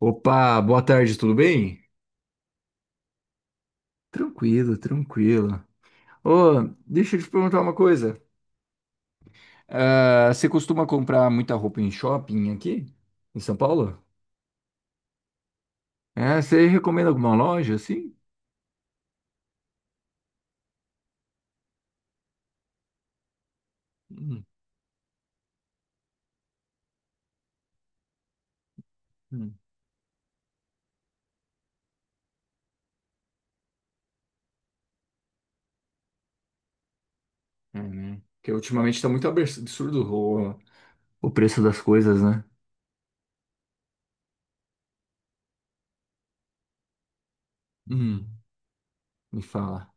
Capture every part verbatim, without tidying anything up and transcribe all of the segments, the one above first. Opa, boa tarde, tudo bem? Tranquilo, tranquilo. Ô, deixa eu te perguntar uma coisa. Ah, você costuma comprar muita roupa em shopping aqui, em São Paulo? É, você recomenda alguma loja assim? Hum, hum. É, né? Porque ultimamente tá muito abs- absurdo o, o preço das coisas, né? Hum, me fala.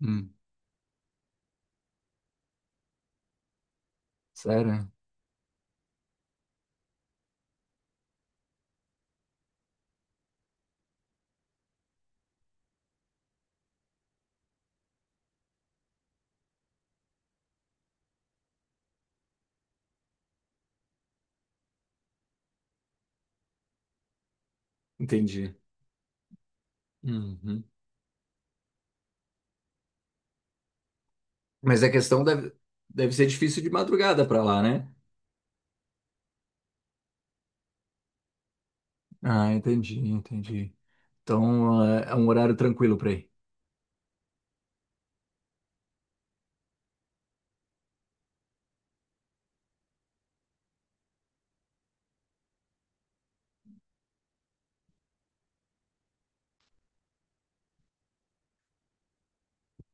Hum, sério? Entendi. Uhum. Mas a questão deve, deve ser difícil de madrugada pra lá, né? Ah, entendi, entendi. Então, é é um horário tranquilo para ir.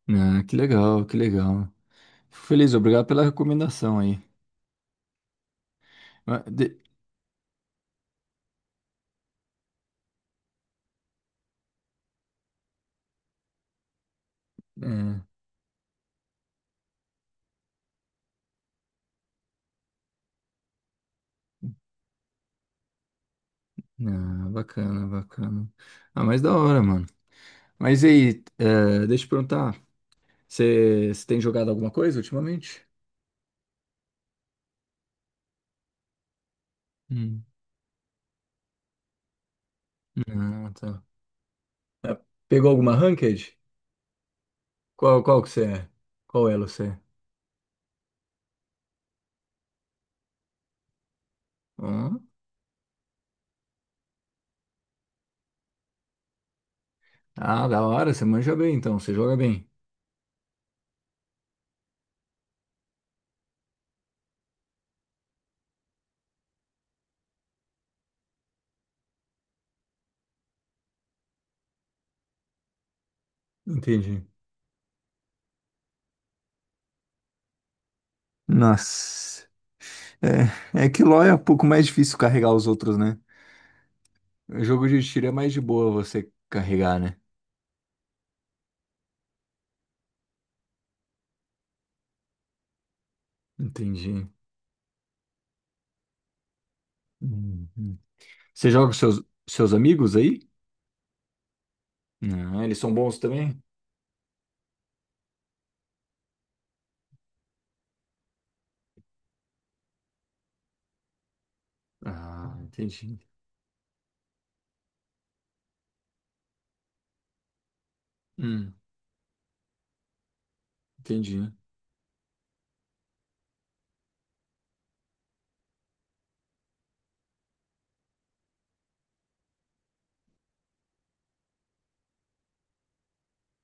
Ah, que legal, que legal. Fico feliz, obrigado pela recomendação aí. Ah, de- É, ah, bacana, bacana. Ah, mas da hora, mano. Mas e aí, é, deixa eu perguntar, você você tem jogado alguma coisa ultimamente? Hum. Ah, tá. Pegou alguma ranked? Qual, qual que você é? Qual elo você é? Hã? Ah, da hora, você manja bem então, você joga bem. Entendi. Nossa, é, é que LoL é um pouco mais difícil carregar os outros, né? O jogo de tiro é mais de boa você carregar, né? Entendi. Uhum. Você joga com seus, seus amigos aí? Ah, eles são bons também? Ah, entendi. Hum, entendi.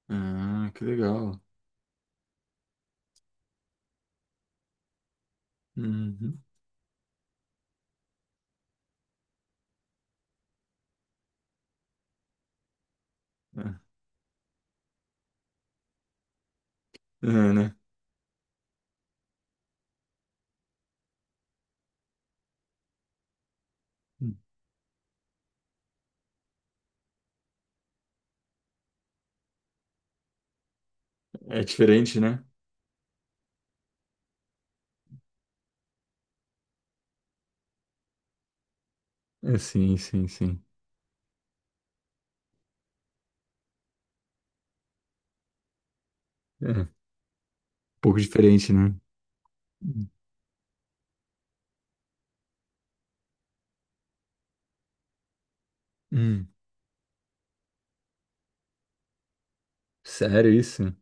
Ah, que legal. Uhum. É, é, né? É diferente, né? É, sim, sim, sim. É, um pouco diferente, né? Hum. Sério isso?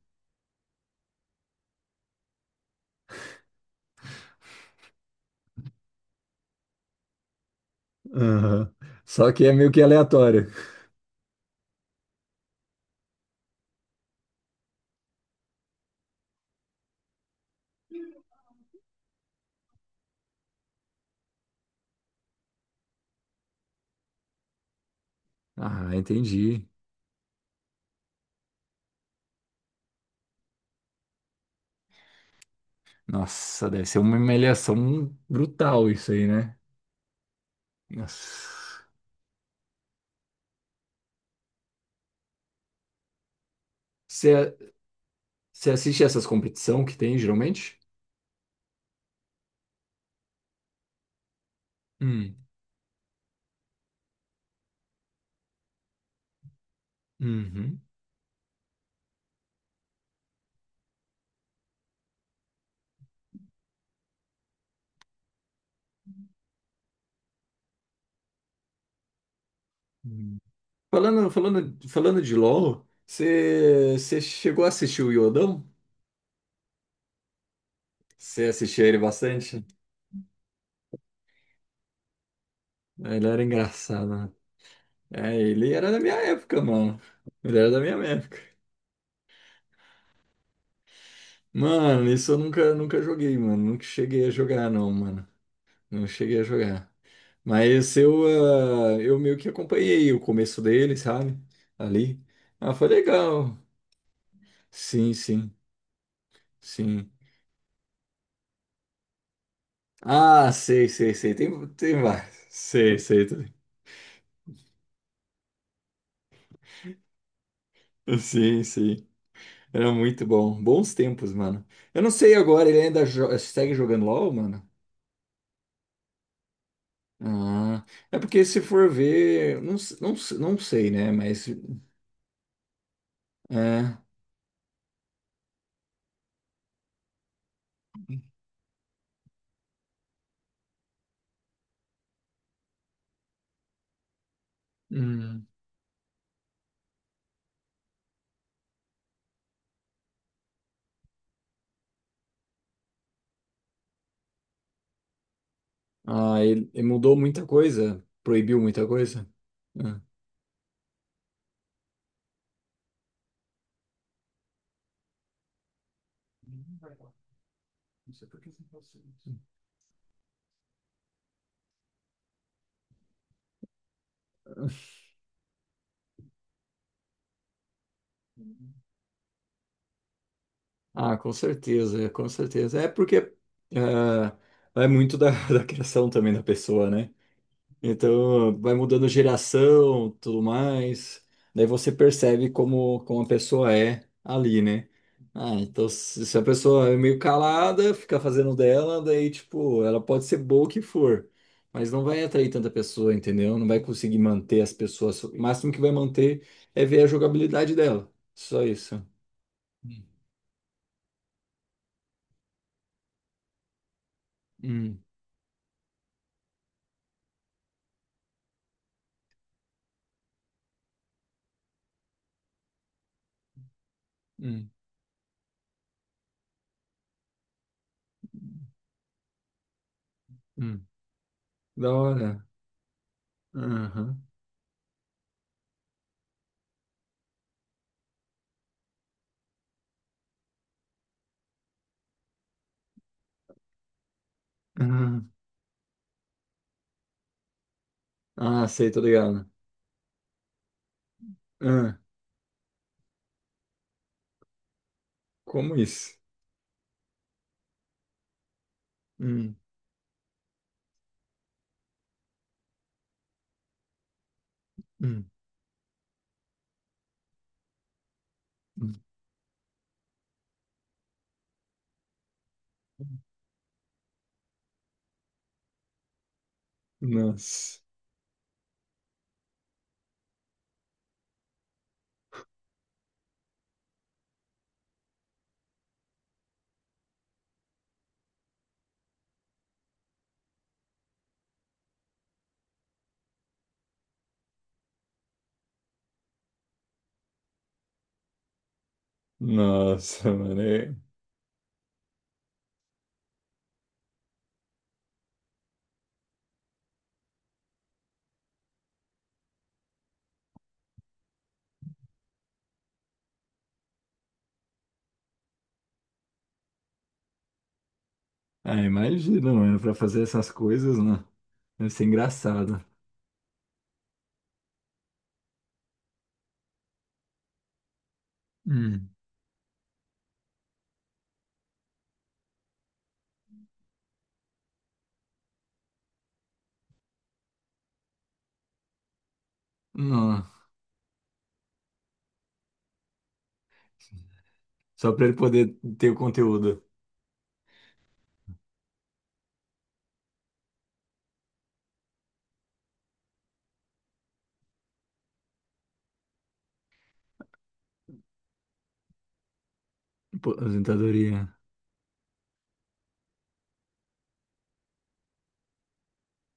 Aham. Só que é meio que aleatório. Ah, entendi. Nossa, deve ser uma humilhação brutal isso aí, né? Nossa. Você você assiste essas competição que tem, geralmente? Hum, uhum. Hum. Falando, falando, falando de LoL, você você chegou a assistir o Iodão? Você assistia ele bastante? Ele era engraçado, né? É, ele era da minha época, mano. Ele era da minha época. Mano, isso eu nunca, nunca joguei, mano. Nunca cheguei a jogar, não, mano. Não cheguei a jogar. Mas eu, ah, eu meio que acompanhei o começo dele, sabe? Ali. Ah, foi legal. Sim, sim, sim. Ah, sei, sei, sei. Tem, tem vários. Sei, sei. Tá. Sim, sim. Era muito bom. Bons tempos, mano. Eu não sei agora, ele ainda jo- segue jogando LOL, mano? Ah, é porque se for ver, não, s- não, s- não sei, né? Mas é. Hum. Ah, ele, ele mudou muita coisa, proibiu muita coisa. Ah. Ah, com certeza, com certeza. É porque ah, vai muito da, da criação também da pessoa, né? Então, vai mudando geração, tudo mais. Daí você percebe como, como a pessoa é ali, né? Ah, então se, se a pessoa é meio calada, fica fazendo dela, daí, tipo, ela pode ser boa o que for, mas não vai atrair tanta pessoa, entendeu? Não vai conseguir manter as pessoas. O máximo que vai manter é ver a jogabilidade dela. Só isso. Hum, hum, hum. Hum. Da hora. Aham. Aham. Ah, sei, tô ligado. Ah, como isso? Hum, hum, hum. Nossa. Nossa, mano. é- Ah, imagina, mano, pra fazer essas coisas, né? Deve ser engraçado. Hum. Não. Só pra ele poder ter o conteúdo. Pô, aposentadoria.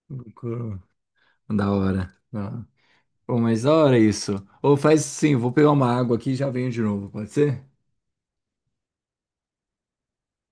Loucura. Da hora. Da hora. Pô, mas da hora isso. Ou faz sim, vou pegar uma água aqui e já venho de novo, pode ser?